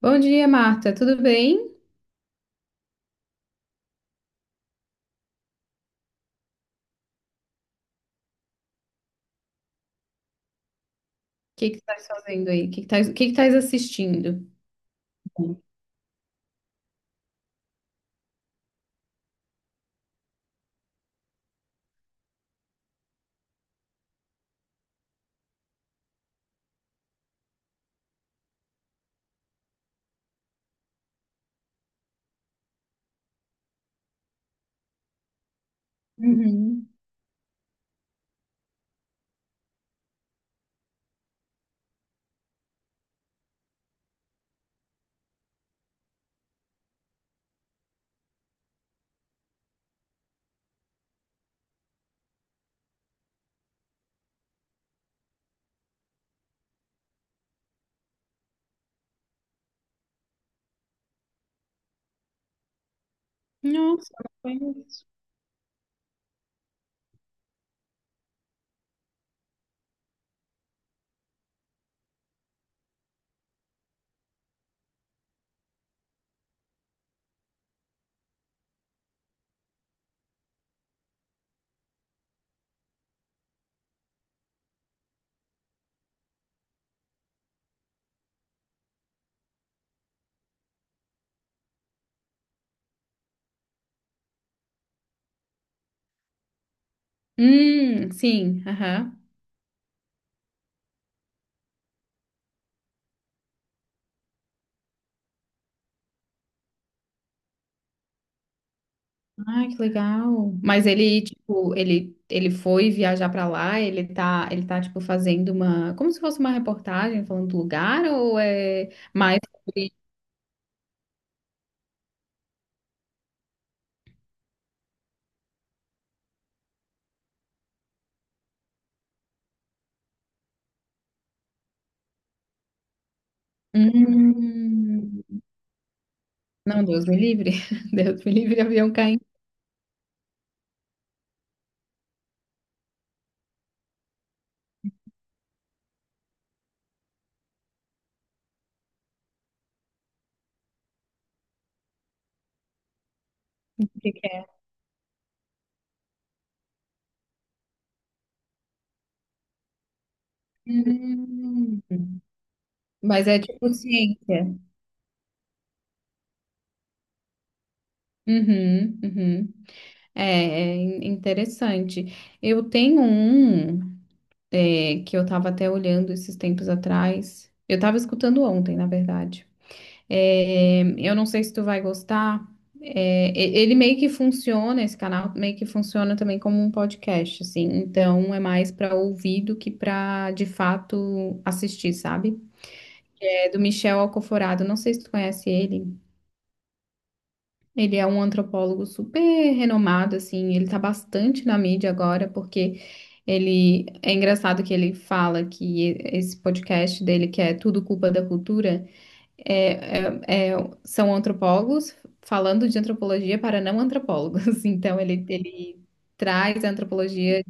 Bom dia, Marta. Tudo bem? O que que estás fazendo aí? O que que estás, o que que estás assistindo? Uhum. Nossa, não conheço. Sim, aham. Ai, que legal. Mas ele, tipo, ele foi viajar pra lá, ele tá, tipo, fazendo uma, como se fosse uma reportagem falando do lugar, ou é mais sobre... Hum, não, Deus me livre. Deus me livre, avião caindo. O que que é? Hum, mas é tipo ciência. Uhum, uhum. É, interessante. Eu tenho um é, que eu estava até olhando esses tempos atrás. Eu estava escutando ontem, na verdade. É, eu não sei se tu vai gostar. É, ele meio que funciona, esse canal meio que funciona também como um podcast, assim. Então é mais para ouvir do que para de fato assistir, sabe? É do Michel Alcoforado. Não sei se tu conhece ele. Ele é um antropólogo super renomado, assim, ele tá bastante na mídia agora, porque ele é engraçado que ele fala que esse podcast dele, que é Tudo Culpa da Cultura, é, é- é- são antropólogos falando de antropologia para não antropólogos. Então ele traz a antropologia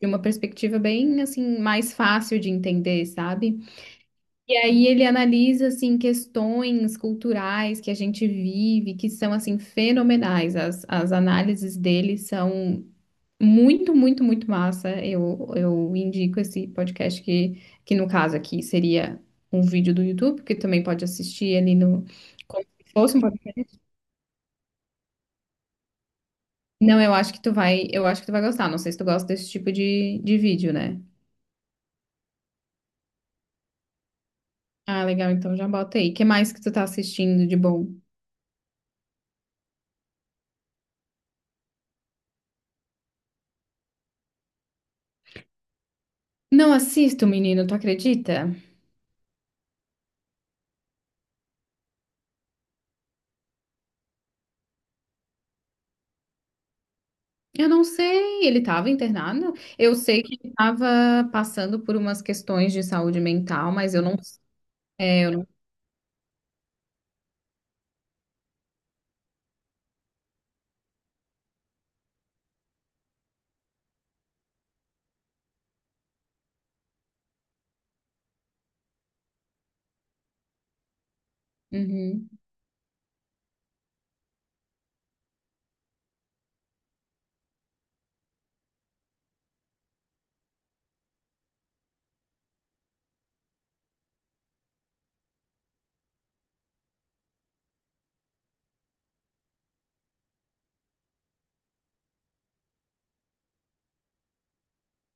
de uma perspectiva bem assim mais fácil de entender, sabe? E aí ele analisa assim questões culturais que a gente vive, que são assim fenomenais. As análises dele são muito, muito, muito massa. Eu indico esse podcast que no caso aqui seria um vídeo do YouTube, que também pode assistir ali no como se fosse um podcast. Não, eu acho que tu vai, eu acho que tu vai gostar. Não sei se tu gosta desse tipo de vídeo, né? Ah, legal, então já bota aí. O que mais que tu tá assistindo de bom? Não assisto, menino, tu acredita? Eu não sei, ele estava internado. Eu sei que ele estava passando por umas questões de saúde mental, mas eu não. Uhum,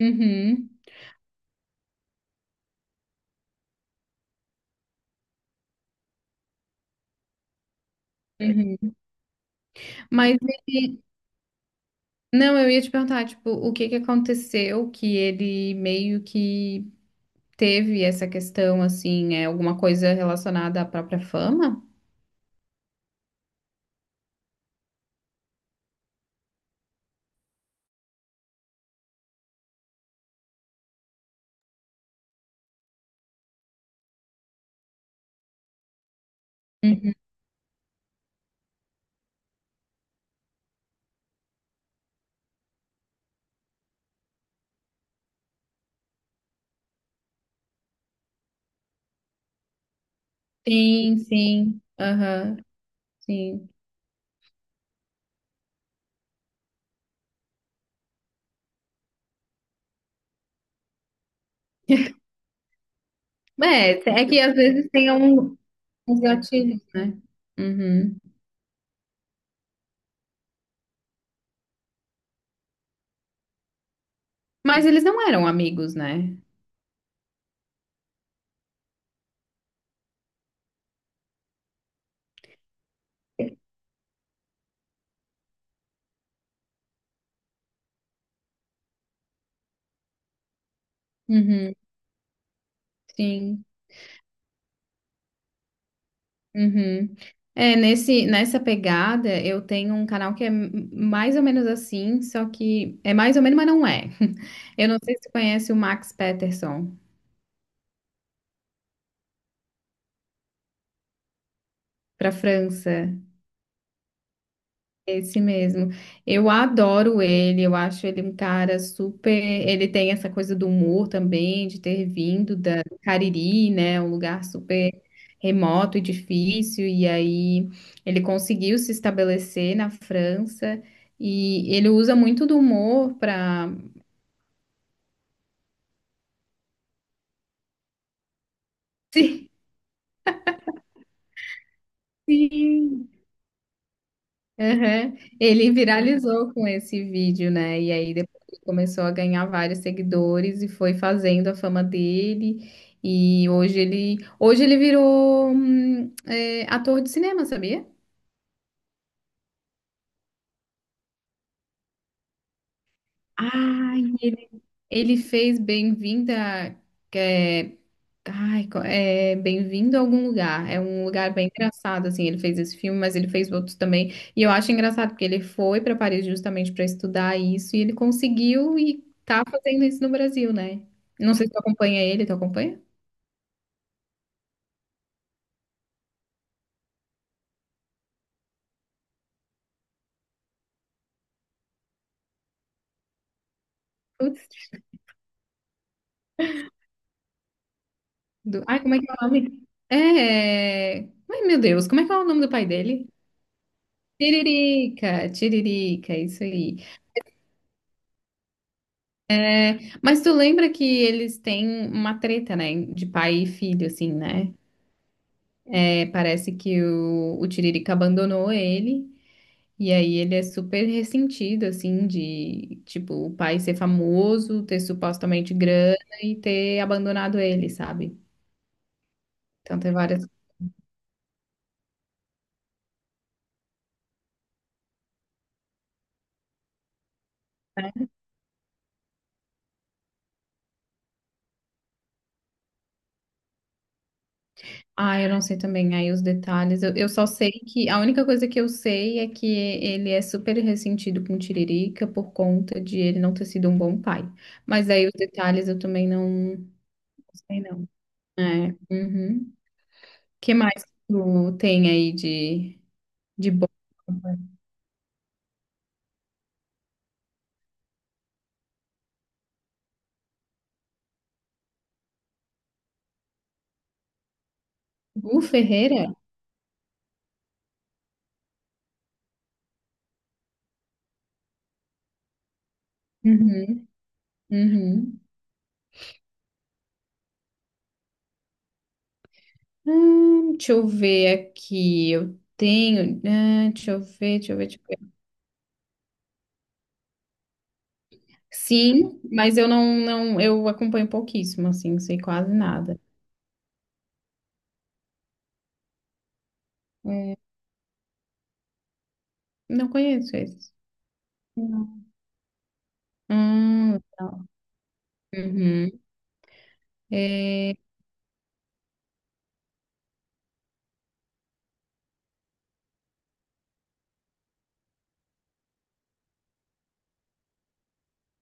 uhum, uhum. Mas ele... Não, eu ia te perguntar, tipo, o que que aconteceu que ele meio que teve essa questão, assim, é alguma coisa relacionada à própria fama? Uhum. Sim, sim, aham, sim. É, é que às vezes tem um, uns gatilhos, né? Uhum. Mas eles não eram amigos, né? Uhum, sim. Uhum. É, nesse, nessa pegada, eu tenho um canal que é mais ou menos assim, só que é mais ou menos, mas não é. Eu não sei se você conhece o Max Peterson, para França. Esse mesmo. Eu adoro ele, eu acho ele um cara super. Ele tem essa coisa do humor também, de ter vindo da do Cariri, né? Um lugar super remoto e difícil. E aí ele conseguiu se estabelecer na França e ele usa muito do humor para Sim, aham. Ele viralizou com esse vídeo, né? E aí depois ele começou a ganhar vários seguidores e foi fazendo a fama dele. E hoje ele virou ator de cinema, sabia? Ai, ele ele fez Bem-vinda, ai, é Bem-vindo a algum lugar. É um lugar bem engraçado, assim. Ele fez esse filme, mas ele fez outros também. E eu acho engraçado porque ele foi para Paris justamente para estudar isso e ele conseguiu e tá fazendo isso no Brasil, né? Não sei se tu acompanha ele, tu acompanha? Putz, ai, como é que é o nome? É. Ai, meu Deus, como é que é o nome do pai dele? Tiririca, Tiririca, isso aí. Mas tu lembra que eles têm uma treta, né? De pai e filho, assim, né? É, parece que o Tiririca abandonou ele, e aí ele é super ressentido, assim, de, tipo, o pai ser famoso, ter supostamente grana e ter abandonado ele, sabe? Então tem várias. Ah, eu não sei também aí os detalhes. Eu só sei que a única coisa que eu sei é que ele é super ressentido com o Tiririca por conta de ele não ter sido um bom pai. Mas aí os detalhes eu também não não sei, não. É. Uhum. Que mais tu tem aí de. De boa. Gu Ferreira? Uhum, uhum. Deixa eu ver aqui. Eu tenho. Ah, deixa eu ver, deixa eu ver, deixa eu ver. Sim, mas eu não, não, eu acompanho pouquíssimo, assim, não sei quase nada. É, não conheço esse. Não. Legal. Uhum. É,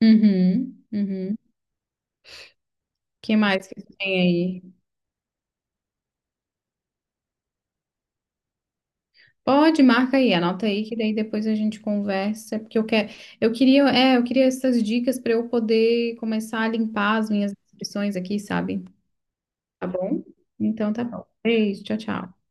uhum, uhum. Que mais que tem aí? Pode, marca aí, anota aí que daí depois a gente conversa, porque eu quero, eu queria, é, eu queria essas dicas para eu poder começar a limpar as minhas inscrições aqui, sabe? Tá bom? Então tá bom. Beijo, tchau, tchau.